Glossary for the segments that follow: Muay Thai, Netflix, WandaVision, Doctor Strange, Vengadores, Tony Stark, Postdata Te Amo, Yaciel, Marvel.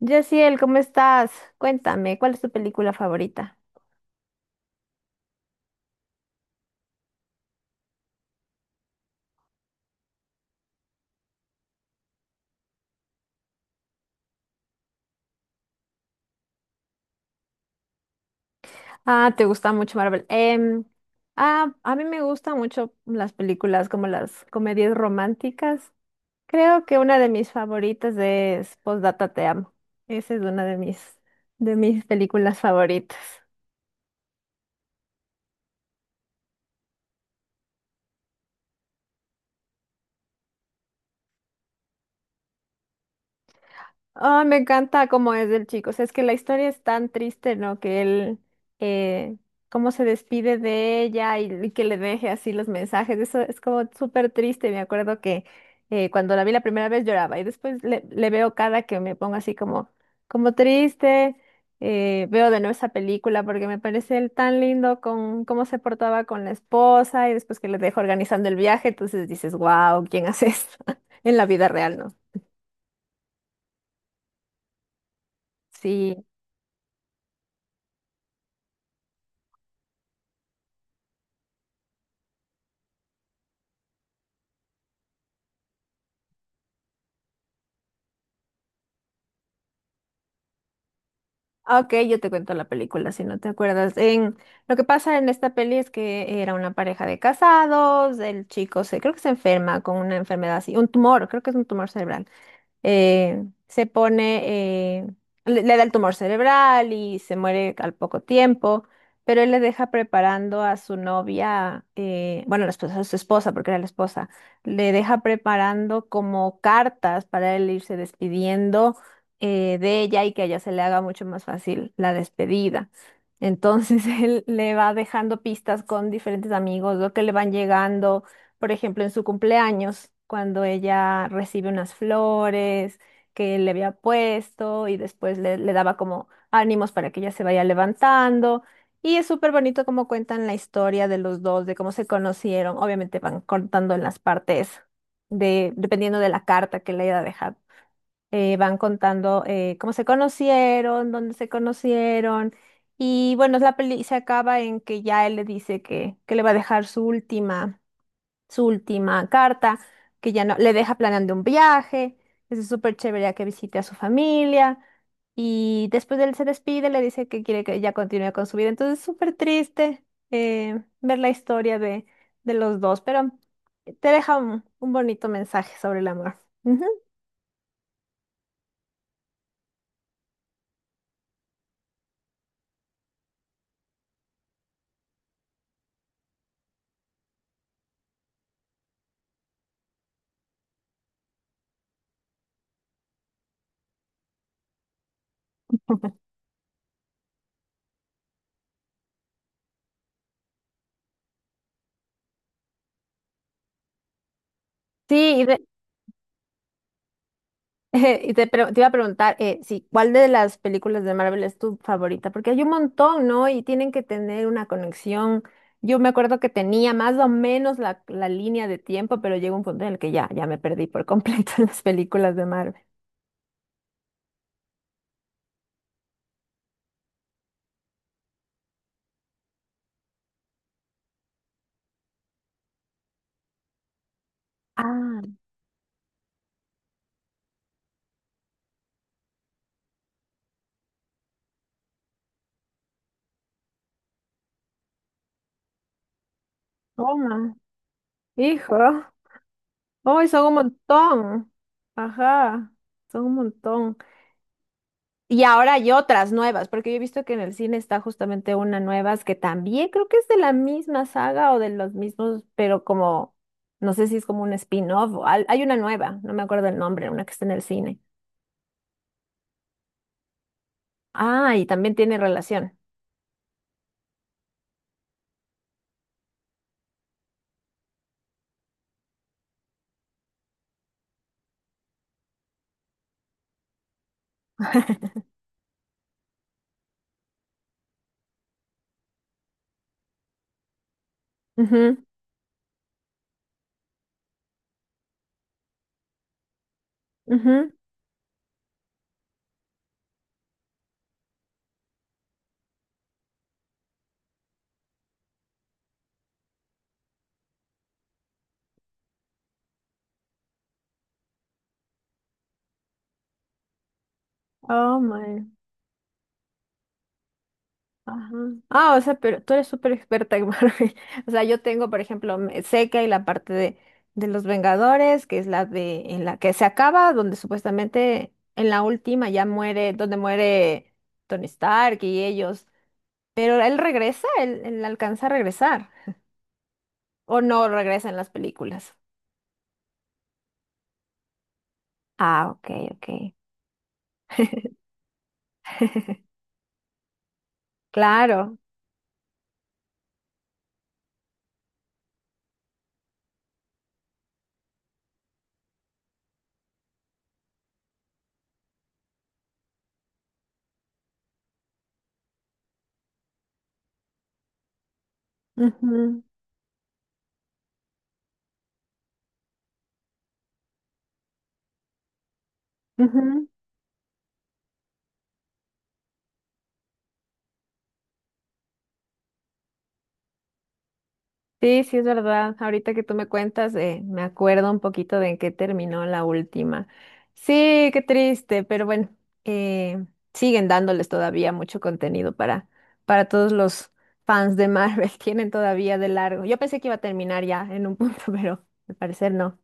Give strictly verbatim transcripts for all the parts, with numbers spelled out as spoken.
Yaciel, ¿cómo estás? Cuéntame, ¿cuál es tu película favorita? Ah, te gusta mucho Marvel. Em, ah, a mí me gustan mucho las películas como las comedias románticas. Creo que una de mis favoritas es Postdata Te Amo. Esa es una de mis, de mis películas favoritas. Ah, me encanta cómo es el chico. O sea, es que la historia es tan triste, ¿no? Que él, eh, cómo se despide de ella y, y que le deje así los mensajes. Eso es como súper triste. Me acuerdo que eh, cuando la vi la primera vez lloraba y después le, le veo cada que me pongo así como, como triste. Eh, veo de nuevo esa película porque me parece él tan lindo con cómo se portaba con la esposa y después que le dejó organizando el viaje. Entonces dices, wow, ¿quién hace esto en la vida real, ¿no? Sí. Ah, Ok, yo te cuento la película si no te acuerdas. En, lo que pasa en esta peli es que era una pareja de casados, el chico se, creo que se enferma con una enfermedad así, un tumor, creo que es un tumor cerebral eh, se pone, eh, le, le da el tumor cerebral y se muere al poco tiempo, pero él le deja preparando a su novia, eh, bueno, la esposa, a su esposa, porque era la esposa, le deja preparando como cartas para él irse despidiendo eh, de ella y que a ella se le haga mucho más fácil la despedida. Entonces él le va dejando pistas con diferentes amigos, lo que le van llegando por ejemplo, en su cumpleaños, cuando ella recibe unas flores que él le había puesto y después le, le daba como ánimos para que ella se vaya levantando. Y es súper bonito cómo cuentan la historia de los dos, de cómo se conocieron. Obviamente van contando en las partes de, dependiendo de la carta que le haya dejado. Eh, van contando eh, cómo se conocieron, dónde se conocieron. Y bueno, la peli se acaba en que ya él le dice que, que le va a dejar su última su última carta, que ya no le deja planeando un viaje, es súper chévere ya que visite a su familia y después él se despide, le dice que quiere que ella continúe con su vida. Entonces es súper triste eh, ver la historia de, de los dos, pero te deja un, un bonito mensaje sobre el amor. Ujú. Sí. Y te, pre- te iba a preguntar, eh, sí, ¿cuál de las películas de Marvel es tu favorita? Porque hay un montón, ¿no? Y tienen que tener una conexión. Yo me acuerdo que tenía más o menos la, la línea de tiempo, pero llegó un punto en el que ya, ya me perdí por completo en las películas de Marvel. Ah, toma, hijo. Hoy son un montón. Ajá, son un montón. Y ahora hay otras nuevas, porque yo he visto que en el cine está justamente una nueva que también creo que es de la misma saga o de los mismos, pero como, no sé si es como un spin-off o al- hay una nueva, no me acuerdo el nombre, una que está en el cine. Ah, y también tiene relación. Ujú, ujú. Oh my. Ajá. Ah, o sea, pero tú eres súper experta en Marvel. O sea, yo tengo, por ejemplo, me- sé que hay la parte de, de los Vengadores, que es la de, en la que se acaba, donde supuestamente en la última ya muere, donde muere Tony Stark y ellos. Pero él regresa, él, él alcanza a regresar. O no regresa en las películas. Ah, ok, ok. Claro. Ujú, ujú. Sí, sí, es verdad. Ahorita que tú me cuentas, eh, me acuerdo un poquito de en qué terminó la última. Sí, qué triste, pero bueno, eh, siguen dándoles todavía mucho contenido para, para todos los fans de Marvel. Tienen todavía de largo. Yo pensé que iba a terminar ya en un punto, pero al parecer no.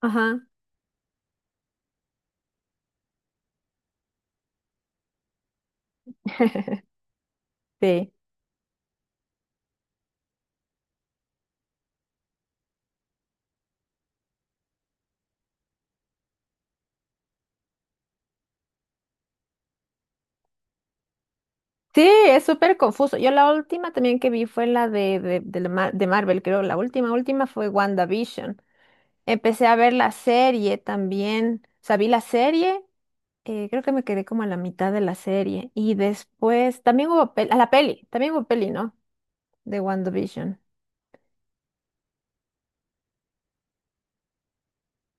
Ajá. Sí. Sí, es súper confuso. Yo la última también que vi fue la de, de, de la Mar- de Marvel, creo. La última, última fue WandaVision. Empecé a ver la serie también. O sea, vi la serie, eh, creo que me quedé como a la mitad de la serie. Y después también hubo peli, a la peli, también hubo peli, ¿no? De WandaVision.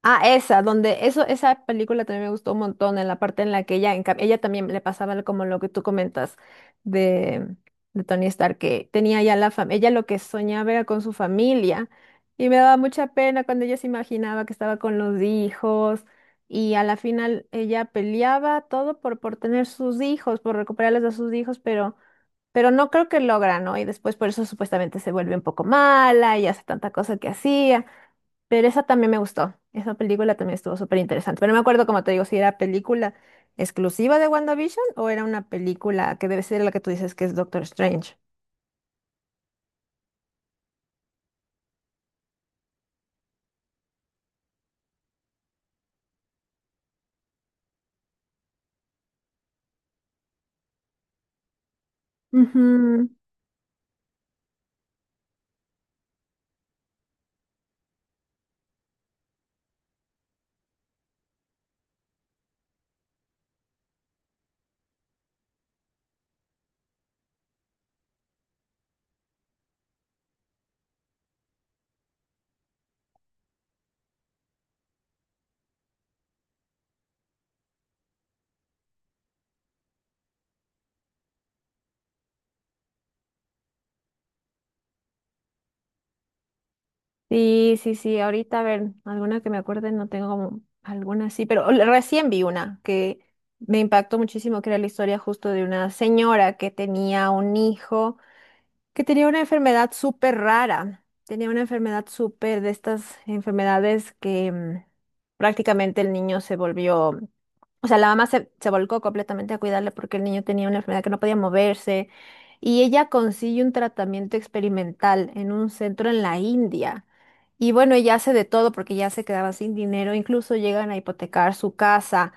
Ah, esa, donde eso, esa película también me gustó un montón, en la parte en la que ella, en cam- ella también le pasaba lo- como lo que tú comentas de, de Tony Stark, que tenía ya la familia, ella lo que soñaba era con su familia, y me daba mucha pena cuando ella se imaginaba que estaba con los hijos, y a la final ella peleaba todo por, por tener sus hijos, por recuperarlos a sus hijos, pero, pero no creo que logra, ¿no? Y después por eso supuestamente se vuelve un poco mala y hace tanta cosa que hacía. Pero esa también me gustó. Esa película también estuvo súper interesante. Pero no me acuerdo, como te digo, si era película exclusiva de WandaVision o era una película que debe ser la que tú dices que es Doctor Strange. Ujú. Sí, sí, sí. Ahorita, a ver, alguna que me acuerde, no tengo como alguna así, pero le- recién vi una que me impactó muchísimo, que era la historia justo de una señora que tenía un hijo, que tenía una enfermedad súper rara. Tenía una enfermedad súper de estas enfermedades que mm, prácticamente el niño se volvió, o sea, la mamá se, se volcó completamente a cuidarle porque el niño tenía una enfermedad que no podía moverse y ella consigue un tratamiento experimental en un centro en la India. Y bueno, ella hace de todo porque ya se quedaba sin dinero, incluso llegan a hipotecar su casa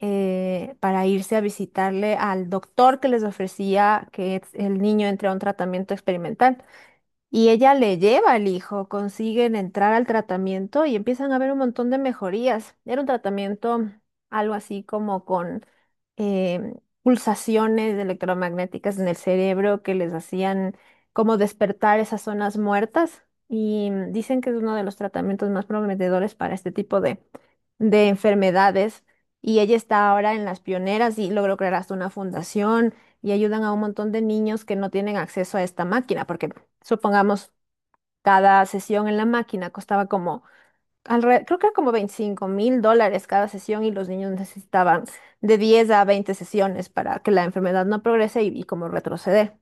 eh, para irse a visitarle al doctor que les ofrecía que es- el niño entre a un tratamiento experimental. Y ella le lleva al hijo, consiguen entrar al tratamiento y empiezan a ver un montón de mejorías. Era un tratamiento algo así como con em, pulsaciones electromagnéticas en el cerebro que les hacían como despertar esas zonas muertas. Y mm, dicen que es uno de los tratamientos más prometedores para este tipo de, de enfermedades. Y ella está ahora en las pioneras y logró crear hasta una fundación y ayudan a un montón de niños que no tienen acceso a esta máquina, porque supongamos, cada sesión en la máquina costaba como, alre- creo que era como veinticinco mil dólares cada sesión y los niños necesitaban de diez a veinte sesiones para que la enfermedad no progrese y, y como retroceder.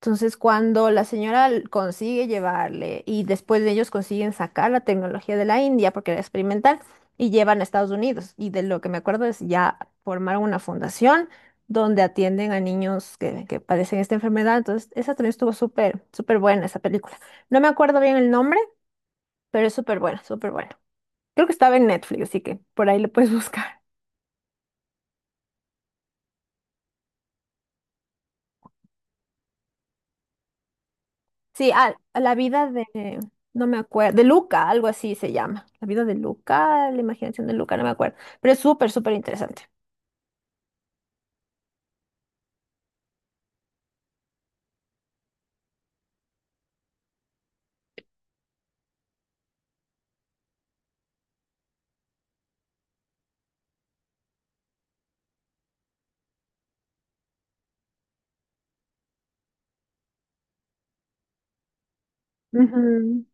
Entonces, cuando la señora l- consigue llevarle y después de ellos consiguen sacar la tecnología de la India porque era experimental y llevan a Estados Unidos. Y de lo que me acuerdo es ya formaron una fundación donde atienden a niños que, que padecen esta enfermedad. Entonces, esa también estuvo súper, súper buena esa película. No me acuerdo bien el nombre, pero es súper buena, súper buena. Creo que estaba en Netflix, así que por ahí lo puedes buscar. Sí, ah, la vida de, no me acuerdo, de Luca, algo así se llama. La vida de Luca, la imaginación de Luca, no me acuerdo. Pero es súper, súper interesante. Ujú.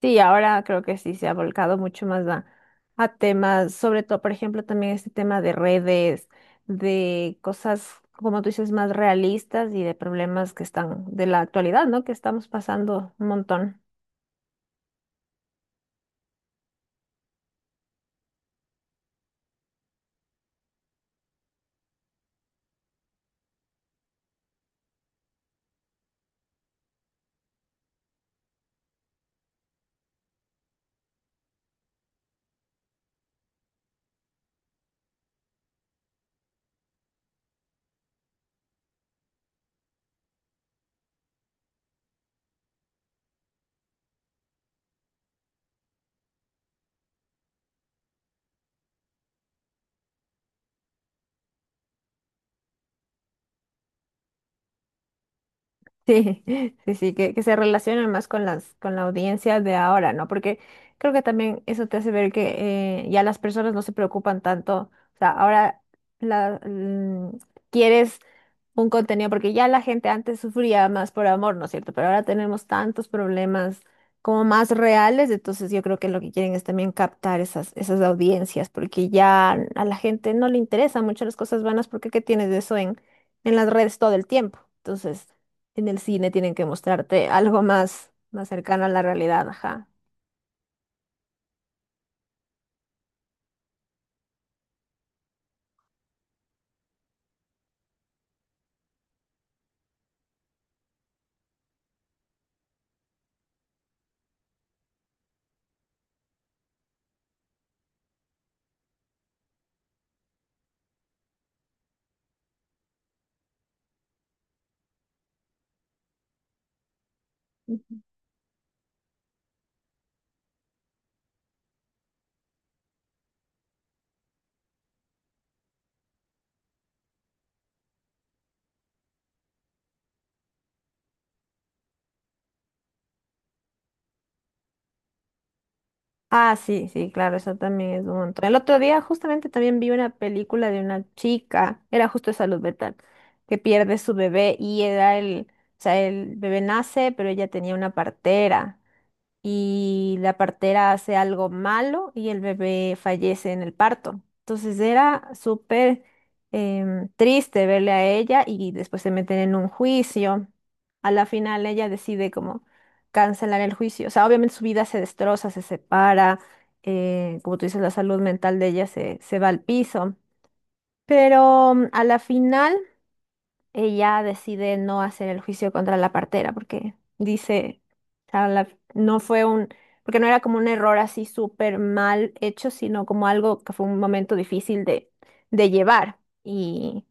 Sí, ahora creo que sí se ha volcado mucho más a, a temas, sobre todo, por ejemplo, también este tema de redes, de cosas, como tú dices, más realistas y de problemas que están de la actualidad, ¿no? Que estamos pasando un montón. Sí, sí, sí, que, que se relacionen más con las, con la audiencia de ahora, ¿no? Porque creo que también eso te hace ver que eh, ya las personas no se preocupan tanto. O sea, ahora la, mm, quieres un contenido, porque ya la gente antes sufría más por amor, ¿no es cierto? Pero ahora tenemos tantos problemas como más reales, entonces yo creo que lo que quieren es también captar esas, esas audiencias, porque ya a la gente no le interesan mucho las cosas vanas, porque ¿qué tienes de eso en, en las redes todo el tiempo? Entonces... En el cine tienen que mostrarte algo más, más cercano a la realidad, ajá. Ah, sí, sí, claro, eso también es un montón. El otro día justamente también vi una película de una chica, era justo de salud mental, que pierde su bebé y era el, o sea, el bebé nace, pero ella tenía una partera. Y la partera hace algo malo y el bebé fallece en el parto. Entonces era súper em, triste verle a ella y después se meten en un juicio. A la final ella decide como cancelar el juicio. O sea, obviamente su vida se destroza, se separa, eh, como tú dices, la salud mental de ella se, se va al piso. Pero mm, a la final ella decide no hacer el juicio contra la partera porque dice, o sea, la- no fue un, porque no era como un error así súper mal hecho, sino como algo que fue un momento difícil de, de llevar. Y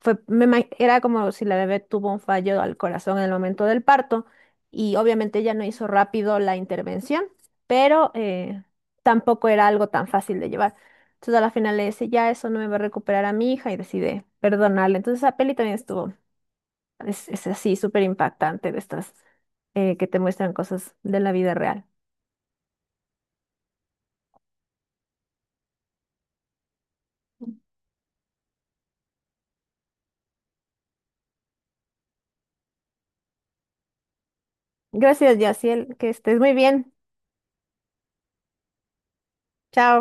fue, me ima- era como si la bebé tuvo un fallo al corazón en el momento del parto y obviamente ella no hizo rápido la intervención, pero eh, tampoco era algo tan fácil de llevar. Entonces a la final le dice, ya eso no me va a recuperar a mi hija y decide perdonarle. Entonces esa peli también estuvo es, es así, súper impactante de estas eh, que te muestran cosas de la vida real. Gracias, Yaciel, que estés muy bien. Chao.